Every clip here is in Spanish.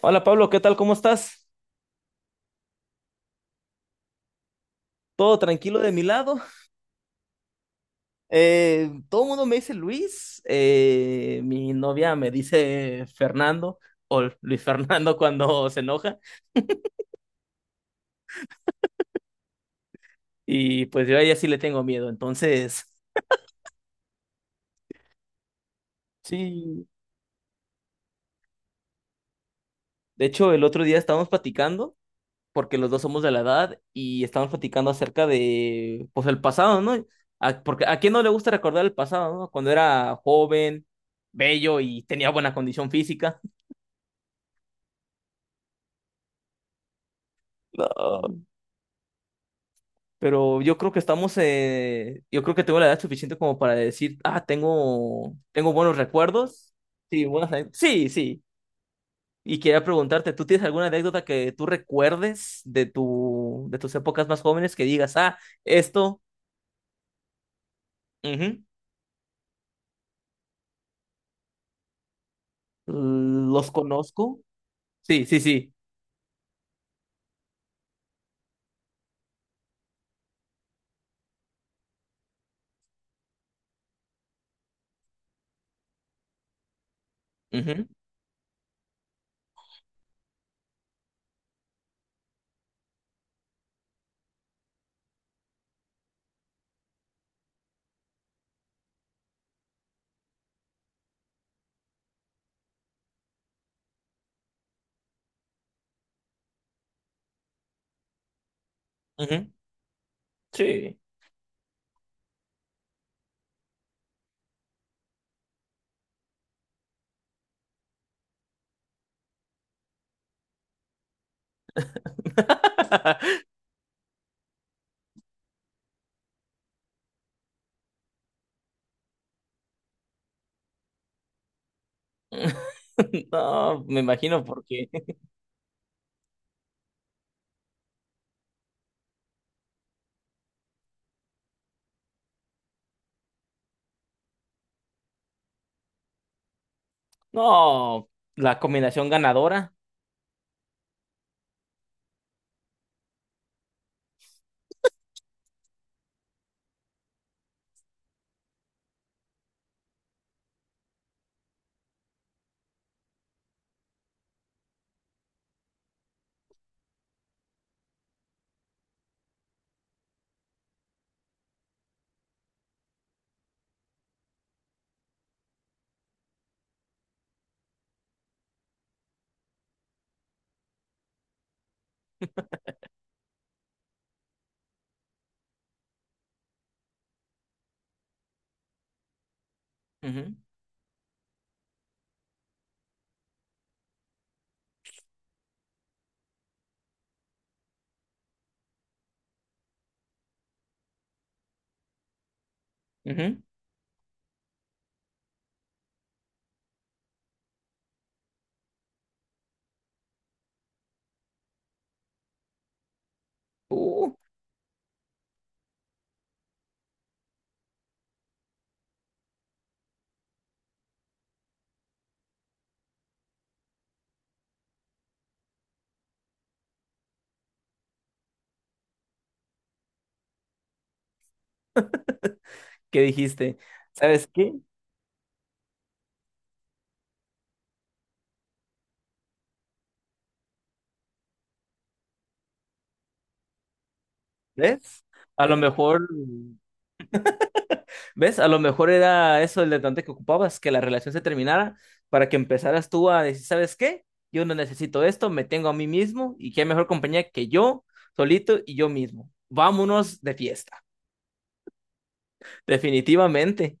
Hola Pablo, ¿qué tal? ¿Cómo estás? ¿Todo tranquilo de mi lado? Todo el mundo me dice Luis, mi novia me dice Fernando o Luis Fernando cuando se enoja y pues yo a ella sí le tengo miedo, entonces sí, de hecho el otro día estábamos platicando porque los dos somos de la edad y estábamos platicando acerca de pues el pasado, ¿no? Porque a quién no le gusta recordar el pasado, ¿no? Cuando era joven, bello y tenía buena condición física. No. Pero yo creo que estamos, yo creo que tengo la edad suficiente como para decir, ah, tengo buenos recuerdos. Sí, buenas, sí, sí. Y quería preguntarte, ¿tú tienes alguna anécdota que tú recuerdes de tus épocas más jóvenes que digas, ah, esto, ujú, los conozco? Sí, sí, sí. Ujú, ujú, sí. No, me imagino porque. No, la combinación ganadora. Ujú, ujú. Uh. Que dijiste, ¿sabes qué? ¿Ves? A lo mejor, ¿ves? A lo mejor era eso el detonante que ocupabas, que la relación se terminara para que empezaras tú a decir, ¿sabes qué? Yo no necesito esto, me tengo a mí mismo y qué mejor compañía que yo, solito y yo mismo. Vámonos de fiesta. Definitivamente.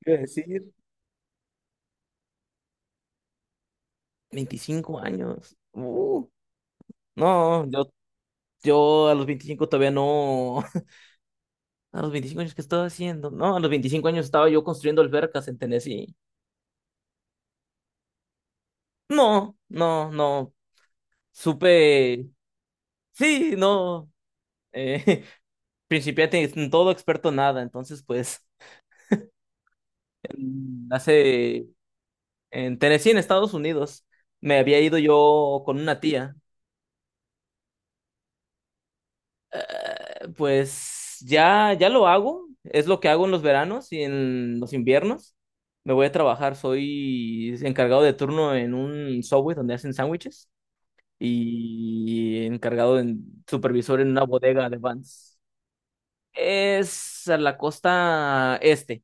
Quiero decir, 25 años. No, yo a los 25 todavía no. A los 25 años, ¿qué estaba haciendo? No, a los 25 años estaba yo construyendo albercas en Tennessee. No, no, no. Supe. Sí, no. Eh, principiante en todo, experto en nada. Entonces, pues, en- hace. En Tennessee, en Estados Unidos, me había ido yo con una tía. Pues ya lo hago. Es lo que hago en los veranos y en los inviernos. Me voy a trabajar. Soy encargado de turno en un Subway donde hacen sándwiches y encargado en supervisor en una bodega de Vans. Es a la costa este.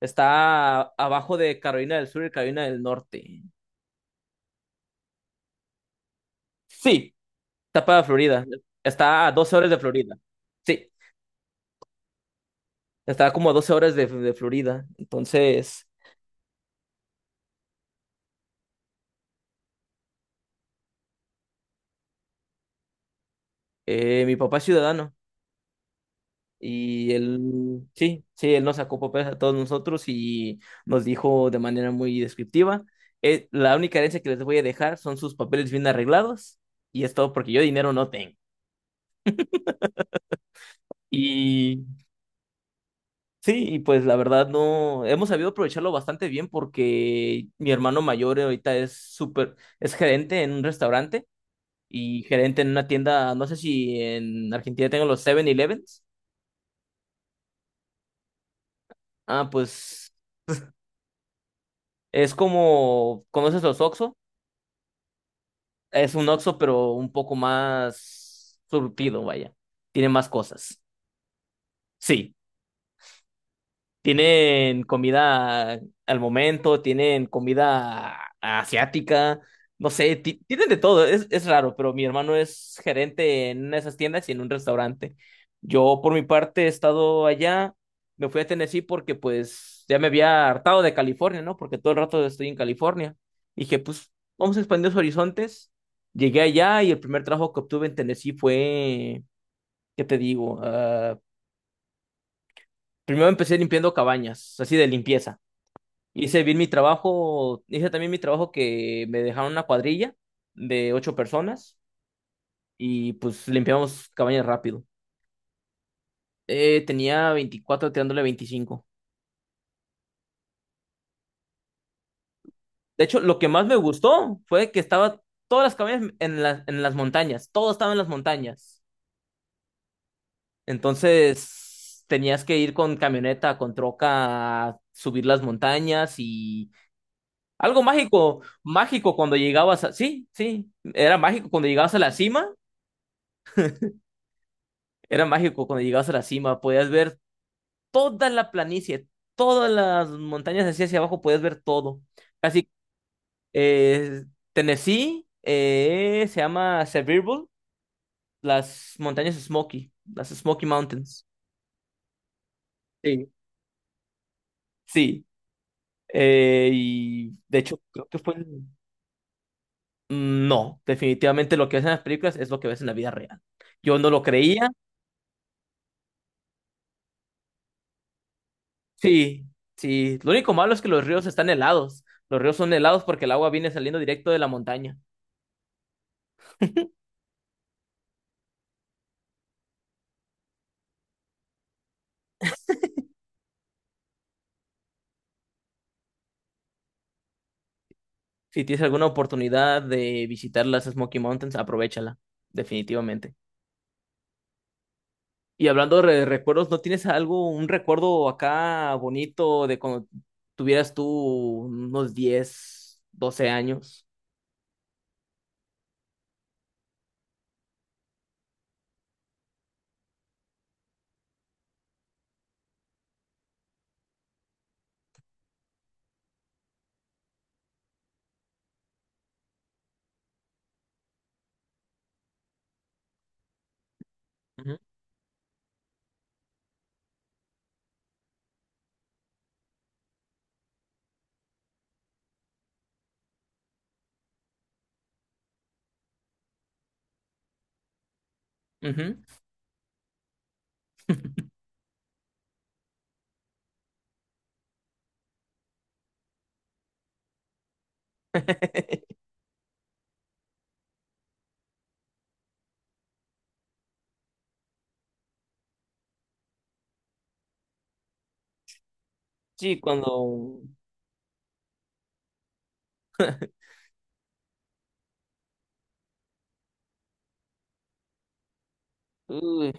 Está abajo de Carolina del Sur y Carolina del Norte. Sí, está para Florida. Está a 12 horas de Florida. Sí, está como a 12 horas de Florida. Entonces, mi papá es ciudadano. Y él, sí, sí, él nos sacó papeles a todos nosotros y nos dijo de manera muy descriptiva. La única herencia que les voy a dejar son sus papeles bien arreglados. Y es todo porque yo dinero no tengo. Y sí, y pues la verdad no, hemos sabido aprovecharlo bastante bien porque mi hermano mayor ahorita es súper, es gerente en un restaurante y gerente en una tienda, no sé si en Argentina tengo los Seven Elevens. Ah, pues es como, ¿conoces los Oxxo? Es un Oxxo pero un poco más surtido, vaya, tiene más cosas. Sí, tienen comida al momento, tienen comida asiática, no sé, tienen de todo, es, raro, pero mi hermano es gerente en una de esas tiendas y en un restaurante. Yo por mi parte he estado allá, me fui a Tennessee porque pues ya me había hartado de California, ¿no? Porque todo el rato estoy en California. Y dije, pues vamos a expandir los horizontes. Llegué allá y el primer trabajo que obtuve en Tennessee fue, ¿qué te digo? Ah, primero empecé limpiando cabañas, así de limpieza. Hice bien mi trabajo, hice también mi trabajo que me dejaron una cuadrilla de ocho personas y pues limpiamos cabañas rápido. Tenía 24 tirándole 25. De hecho, lo que más me gustó fue que estaba todas las cabañas en las montañas, todo estaba en las montañas. Entonces tenías que ir con camioneta, con troca, a subir las montañas y algo mágico, mágico cuando llegabas a... Sí, sí, era mágico cuando llegabas a la cima. Era mágico cuando llegabas a la cima, podías ver toda la planicie, todas las montañas así hacia abajo, podías ver todo. Casi eh, Tennessee, se llama Sevierville, las montañas Smoky, las Smoky Mountains. Sí. Sí, y de hecho creo que no, definitivamente lo que ves en las películas es lo que ves en la vida real. Yo no lo creía. Sí, sí. Lo único malo es que los ríos están helados. Los ríos son helados porque el agua viene saliendo directo de la montaña. Si tienes alguna oportunidad de visitar las Smoky Mountains, aprovéchala, definitivamente. Y hablando de recuerdos, ¿no tienes algo, un recuerdo acá bonito de cuando tuvieras tú unos 10, 12 años? Ujú. Ujú. Sí, cuando... uy,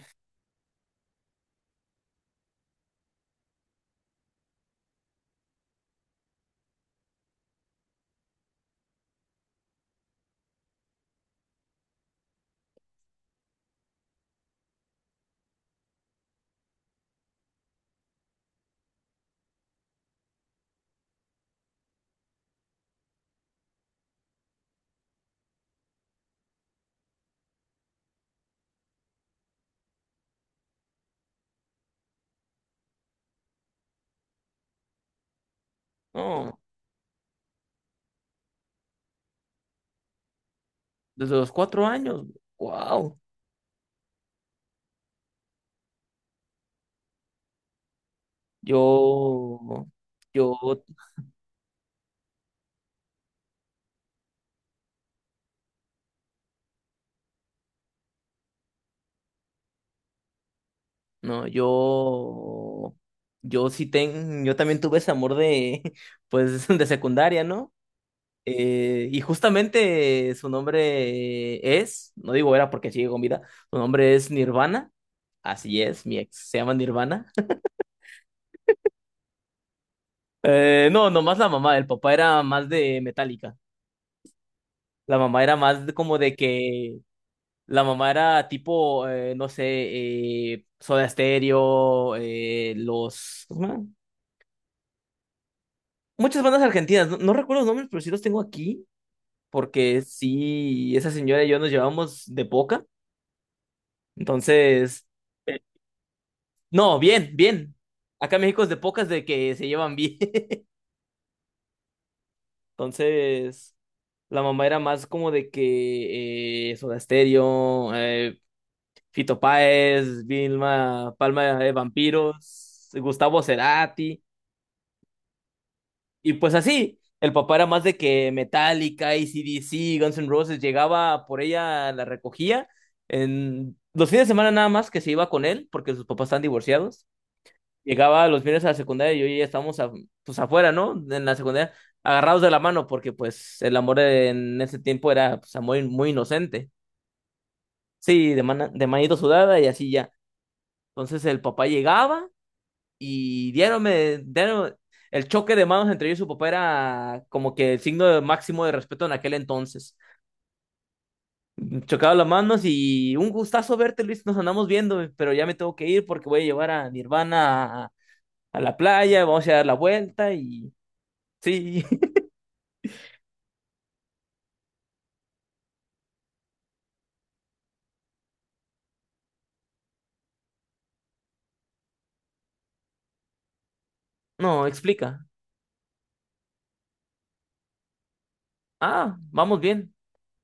no, desde los 4 años. Wow. Yo, yo no, yo también tuve ese amor de, pues, de secundaria, ¿no? Y justamente su nombre es, no digo era porque sigue con vida, su nombre es Nirvana, así es, mi ex se llama Nirvana. No, nomás la mamá, el papá era más de Metallica, la mamá era más como de que, la mamá era tipo, no sé, Soda Stereo, muchas bandas argentinas, no, no recuerdo los nombres, pero sí los tengo aquí, porque sí, esa señora y yo nos llevamos de poca. Entonces, no, bien, bien. Acá en México es de pocas de que se llevan bien. Entonces, la mamá era más como de que Soda Stereo, Fito Páez, Vilma, Palma de Vampiros, Gustavo Cerati. Y pues así, el papá era más de que Metallica, CDC Guns N' Roses, llegaba por ella, la recogía. En los fines de semana nada más que se iba con él, porque sus papás están divorciados. Llegaba los viernes a la secundaria y yo y ella estábamos pues afuera, ¿no? En la secundaria, agarrados de la mano, porque pues el amor en ese tiempo era pues, amor muy inocente. Sí, de manito sudada y así ya. Entonces el papá llegaba y el choque de manos entre yo y su papá era como que el signo de máximo de respeto en aquel entonces. Chocaba las manos y un gustazo verte, Luis. Nos andamos viendo, pero ya me tengo que ir porque voy a llevar a mi hermana a la playa, vamos a dar la vuelta y sí. No, explica. Ah, vamos bien.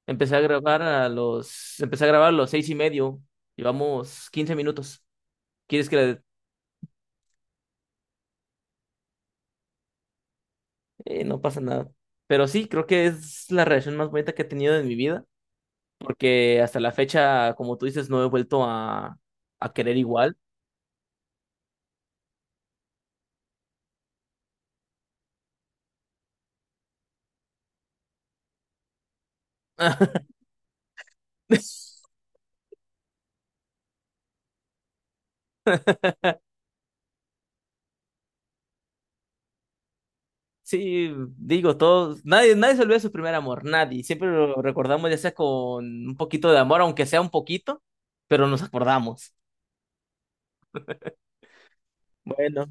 Empecé a grabar a los 6:30. Llevamos 15 minutos. ¿Quieres que le... no pasa nada. Pero sí, creo que es la relación más bonita que he tenido en mi vida. Porque hasta la fecha, como tú dices, no he vuelto a querer igual. Sí, digo, todos, nadie, nadie se olvida de su primer amor, nadie. Siempre lo recordamos ya sea con un poquito de amor, aunque sea un poquito, pero nos acordamos. Bueno,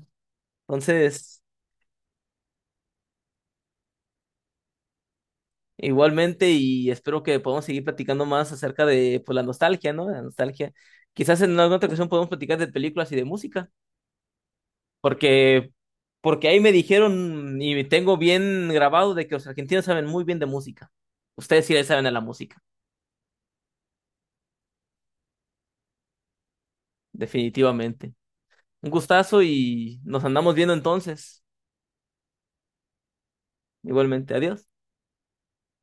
entonces, igualmente y espero que podamos seguir platicando más acerca de pues, la nostalgia, ¿no? La nostalgia. Quizás en alguna otra ocasión podemos platicar de películas y de música. Porque, porque ahí me dijeron y tengo bien grabado de que los argentinos saben muy bien de música. Ustedes sí le saben a la música, definitivamente. Un gustazo y nos andamos viendo entonces. Igualmente, adiós.